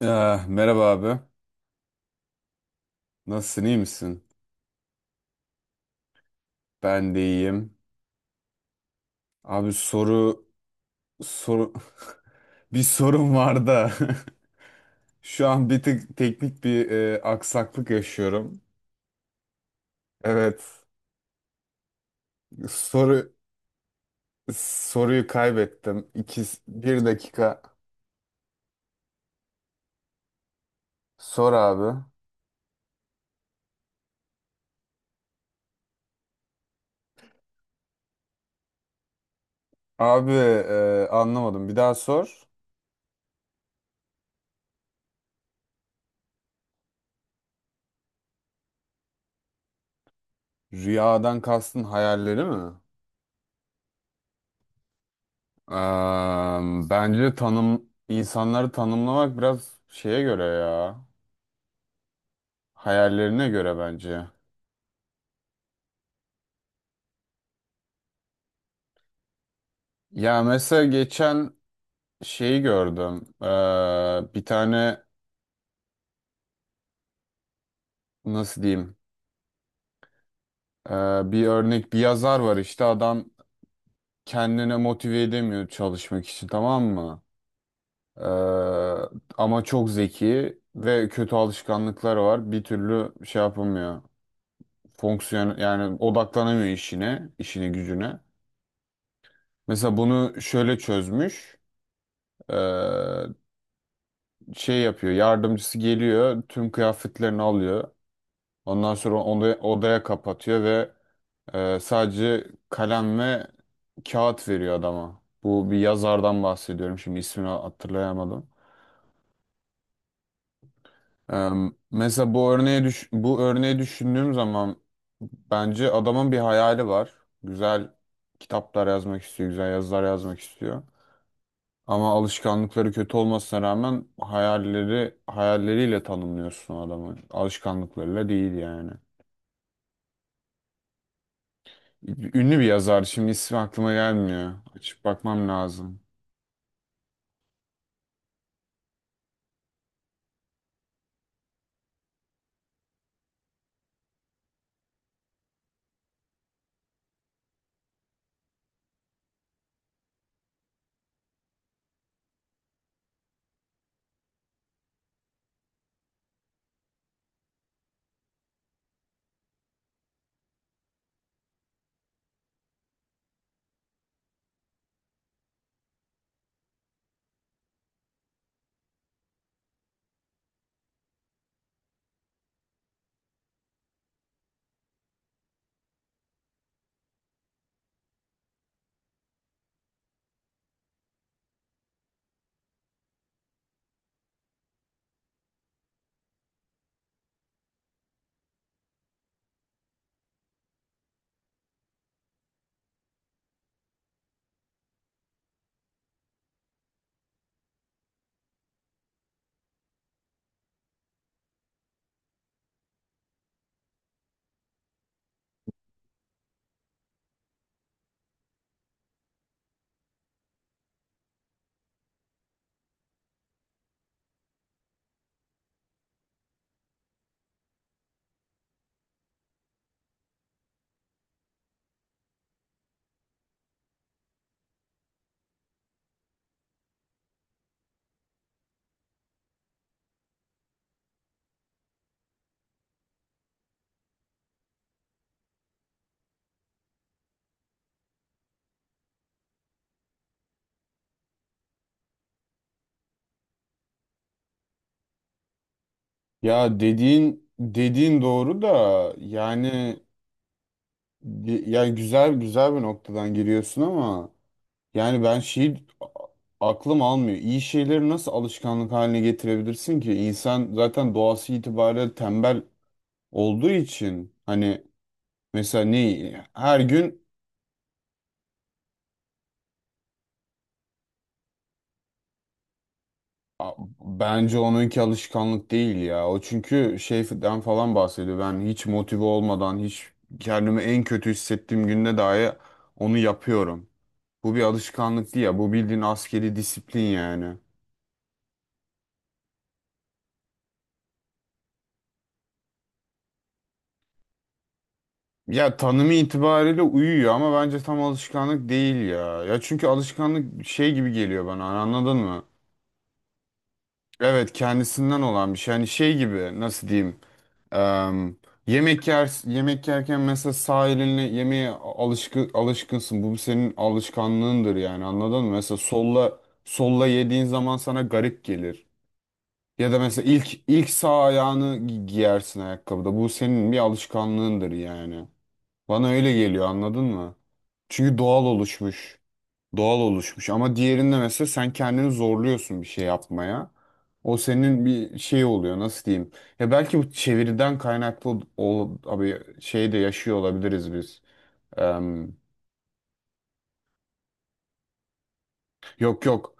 Ah, merhaba abi. Nasılsın, iyi misin? Ben de iyiyim. Abi, soru soru bir sorun var da, şu an bir tık teknik bir aksaklık yaşıyorum. Evet. Soru soruyu kaybettim. İki, bir dakika. Sor abi. Abi, anlamadım. Bir daha sor. Rüyadan kastın hayalleri mi? Bence insanları tanımlamak biraz şeye göre ya. Hayallerine göre bence. Ya mesela geçen şeyi gördüm. Bir tane, nasıl diyeyim? Ee, bir örnek, bir yazar var işte. Adam kendine motive edemiyor çalışmak için, tamam mı? Ee, ama çok zeki ve kötü alışkanlıkları var. Bir türlü şey yapamıyor. Fonksiyon, yani odaklanamıyor işine gücüne. Mesela bunu şöyle çözmüş. Ee, şey yapıyor. Yardımcısı geliyor, tüm kıyafetlerini alıyor. Ondan sonra onu odaya kapatıyor ve sadece kalem ve kağıt veriyor adama. Bu bir yazardan bahsediyorum, şimdi ismini hatırlayamadım. E, mesela bu örneği bu örneği düşündüğüm zaman, bence adamın bir hayali var. Güzel kitaplar yazmak istiyor, güzel yazılar yazmak istiyor. Ama alışkanlıkları kötü olmasına rağmen, hayalleriyle tanımlıyorsun adamı. Alışkanlıklarıyla değil yani. Ünlü bir yazar. Şimdi ismi aklıma gelmiyor. Açıp bakmam lazım. Ya, dediğin doğru da, yani yani güzel güzel bir noktadan giriyorsun ama, yani ben, aklım almıyor. İyi şeyleri nasıl alışkanlık haline getirebilirsin ki? İnsan zaten doğası itibariyle tembel olduğu için, hani mesela neyi her gün? A- Bence onunki alışkanlık değil ya. O çünkü şeyden falan bahsediyor. Ben hiç motive olmadan, hiç kendimi en kötü hissettiğim günde dahi onu yapıyorum. Bu bir alışkanlık değil ya. Bu bildiğin askeri disiplin yani. Ya tanımı itibariyle uyuyor, ama bence tam alışkanlık değil ya. Ya çünkü alışkanlık şey gibi geliyor bana. Anladın mı? Evet, kendisinden olan bir şey. Hani şey gibi, nasıl diyeyim? Em, yemek yerken mesela sağ elinle yemeğe alışkınsın. Bu senin alışkanlığındır yani, anladın mı? Mesela solla yediğin zaman sana garip gelir. Ya da mesela ilk sağ ayağını giyersin ayakkabıda. Bu senin bir alışkanlığındır yani. Bana öyle geliyor, anladın mı? Çünkü doğal oluşmuş. Doğal oluşmuş, ama diğerinde mesela sen kendini zorluyorsun bir şey yapmaya. O senin bir şey oluyor, nasıl diyeyim. Ya belki bu çeviriden kaynaklı abi, şey de yaşıyor olabiliriz biz. Em, yok, yok.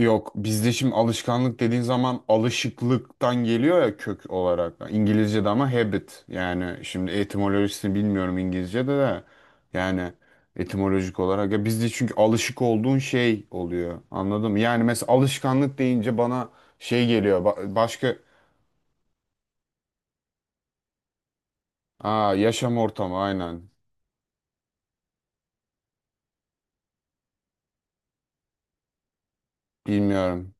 Yok, bizde şimdi alışkanlık dediğin zaman alışıklıktan geliyor ya, kök olarak. İngilizce'de ama habit, yani şimdi etimolojisini bilmiyorum İngilizce'de de, yani etimolojik olarak ya, bizde çünkü alışık olduğun şey oluyor, anladın mı? Yani mesela alışkanlık deyince bana şey geliyor, başka. Yaşam ortamı, aynen. Bilmiyorum.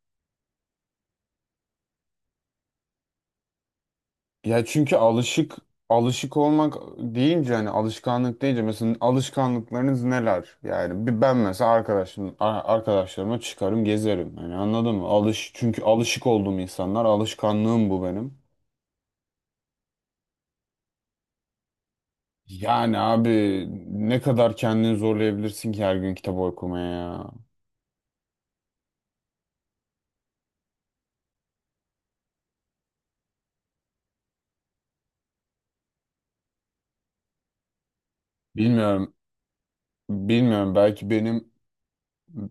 Ya çünkü alışık olmak deyince, hani alışkanlık deyince, mesela alışkanlıklarınız neler? Yani bir ben mesela, arkadaşlarıma çıkarım, gezerim. Hani anladın mı? Çünkü alışık olduğum insanlar, alışkanlığım bu benim. Yani abi, ne kadar kendini zorlayabilirsin ki her gün kitap okumaya ya. Bilmiyorum. Bilmiyorum, belki benim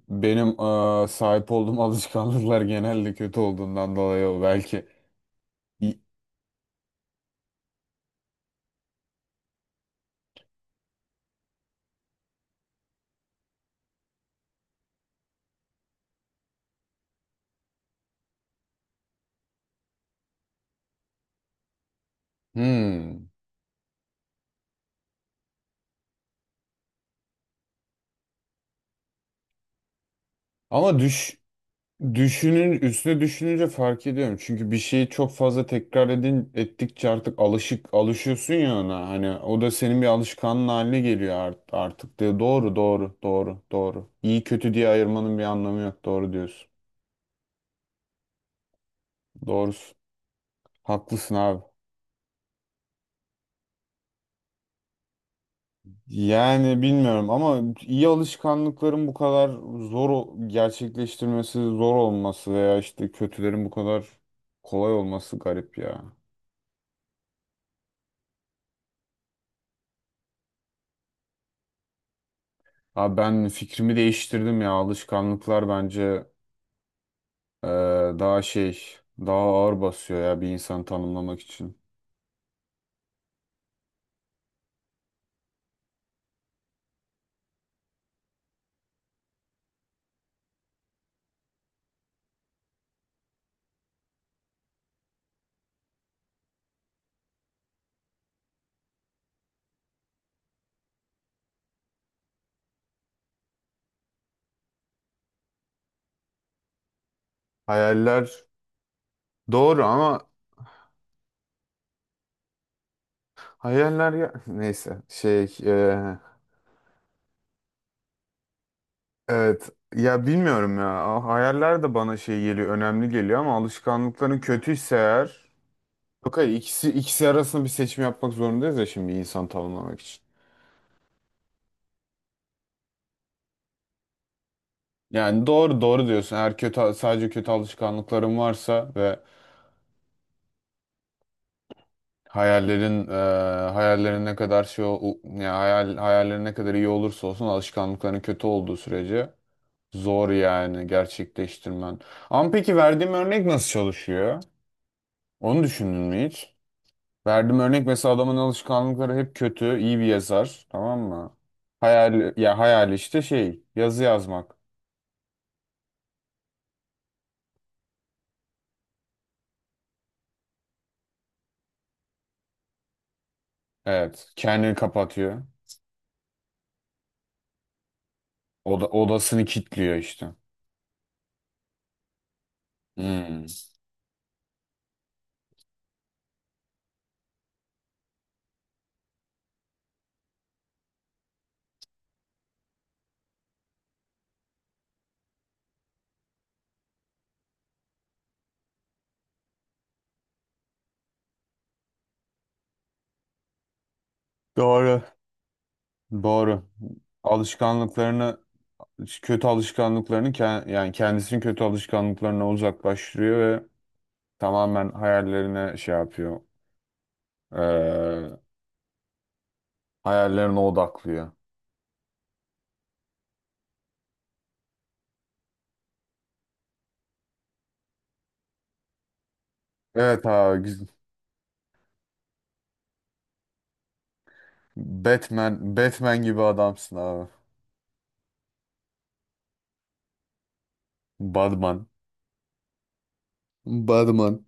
benim eee, sahip olduğum alışkanlıklar genelde kötü olduğundan dolayı o belki. Hmm. Ama düş Düşünün, üstüne düşününce fark ediyorum. Çünkü bir şeyi çok fazla tekrar ettikçe artık alışıyorsun ya ona. Hani o da senin bir alışkanlığın haline geliyor artık diye. Doğru, doğru, doğru, doğru. İyi kötü diye ayırmanın bir anlamı yok. Doğru diyorsun. Doğrusun. Haklısın abi. Yani bilmiyorum, ama iyi alışkanlıkların bu kadar zor gerçekleştirmesi, zor olması, veya işte kötülerin bu kadar kolay olması garip ya. Abi, ben fikrimi değiştirdim ya. Alışkanlıklar bence, e, daha şey, daha ağır basıyor ya, bir insanı tanımlamak için. Hayaller doğru, ama hayaller ya, neyse, şey, evet. Ya bilmiyorum ya. Hayaller de bana şey geliyor, önemli geliyor, ama alışkanlıkların kötüyse eğer. Yok, hayır, ikisi arasında bir seçim yapmak zorundayız ya şimdi, insan tanımlamak için. Yani doğru, doğru diyorsun. Eğer sadece kötü alışkanlıkların varsa ve hayallerin, hayallerin ne kadar şey ol- u- ya hayal hayallerin ne kadar iyi olursa olsun, alışkanlıkların kötü olduğu sürece zor yani gerçekleştirmen. Ama peki verdiğim örnek nasıl çalışıyor? Onu düşündün mü hiç? Verdiğim örnek, mesela adamın alışkanlıkları hep kötü, iyi bir yazar, tamam mı? Hayal ya, hayal işte, şey, yazı yazmak. Evet, kendini kapatıyor. Odasını kilitliyor işte. Hmm. Doğru. Doğru. Alışkanlıklarını kötü alışkanlıklarını yani kendisini kötü alışkanlıklarına uzaklaştırıyor ve tamamen hayallerine şey yapıyor. Ee, hayallerine odaklıyor. Evet abi. Batman, Batman gibi adamsın abi. Batman. Batman.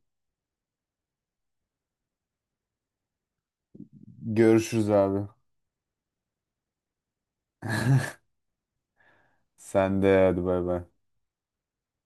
Görüşürüz abi. Sen de hadi, bay bay.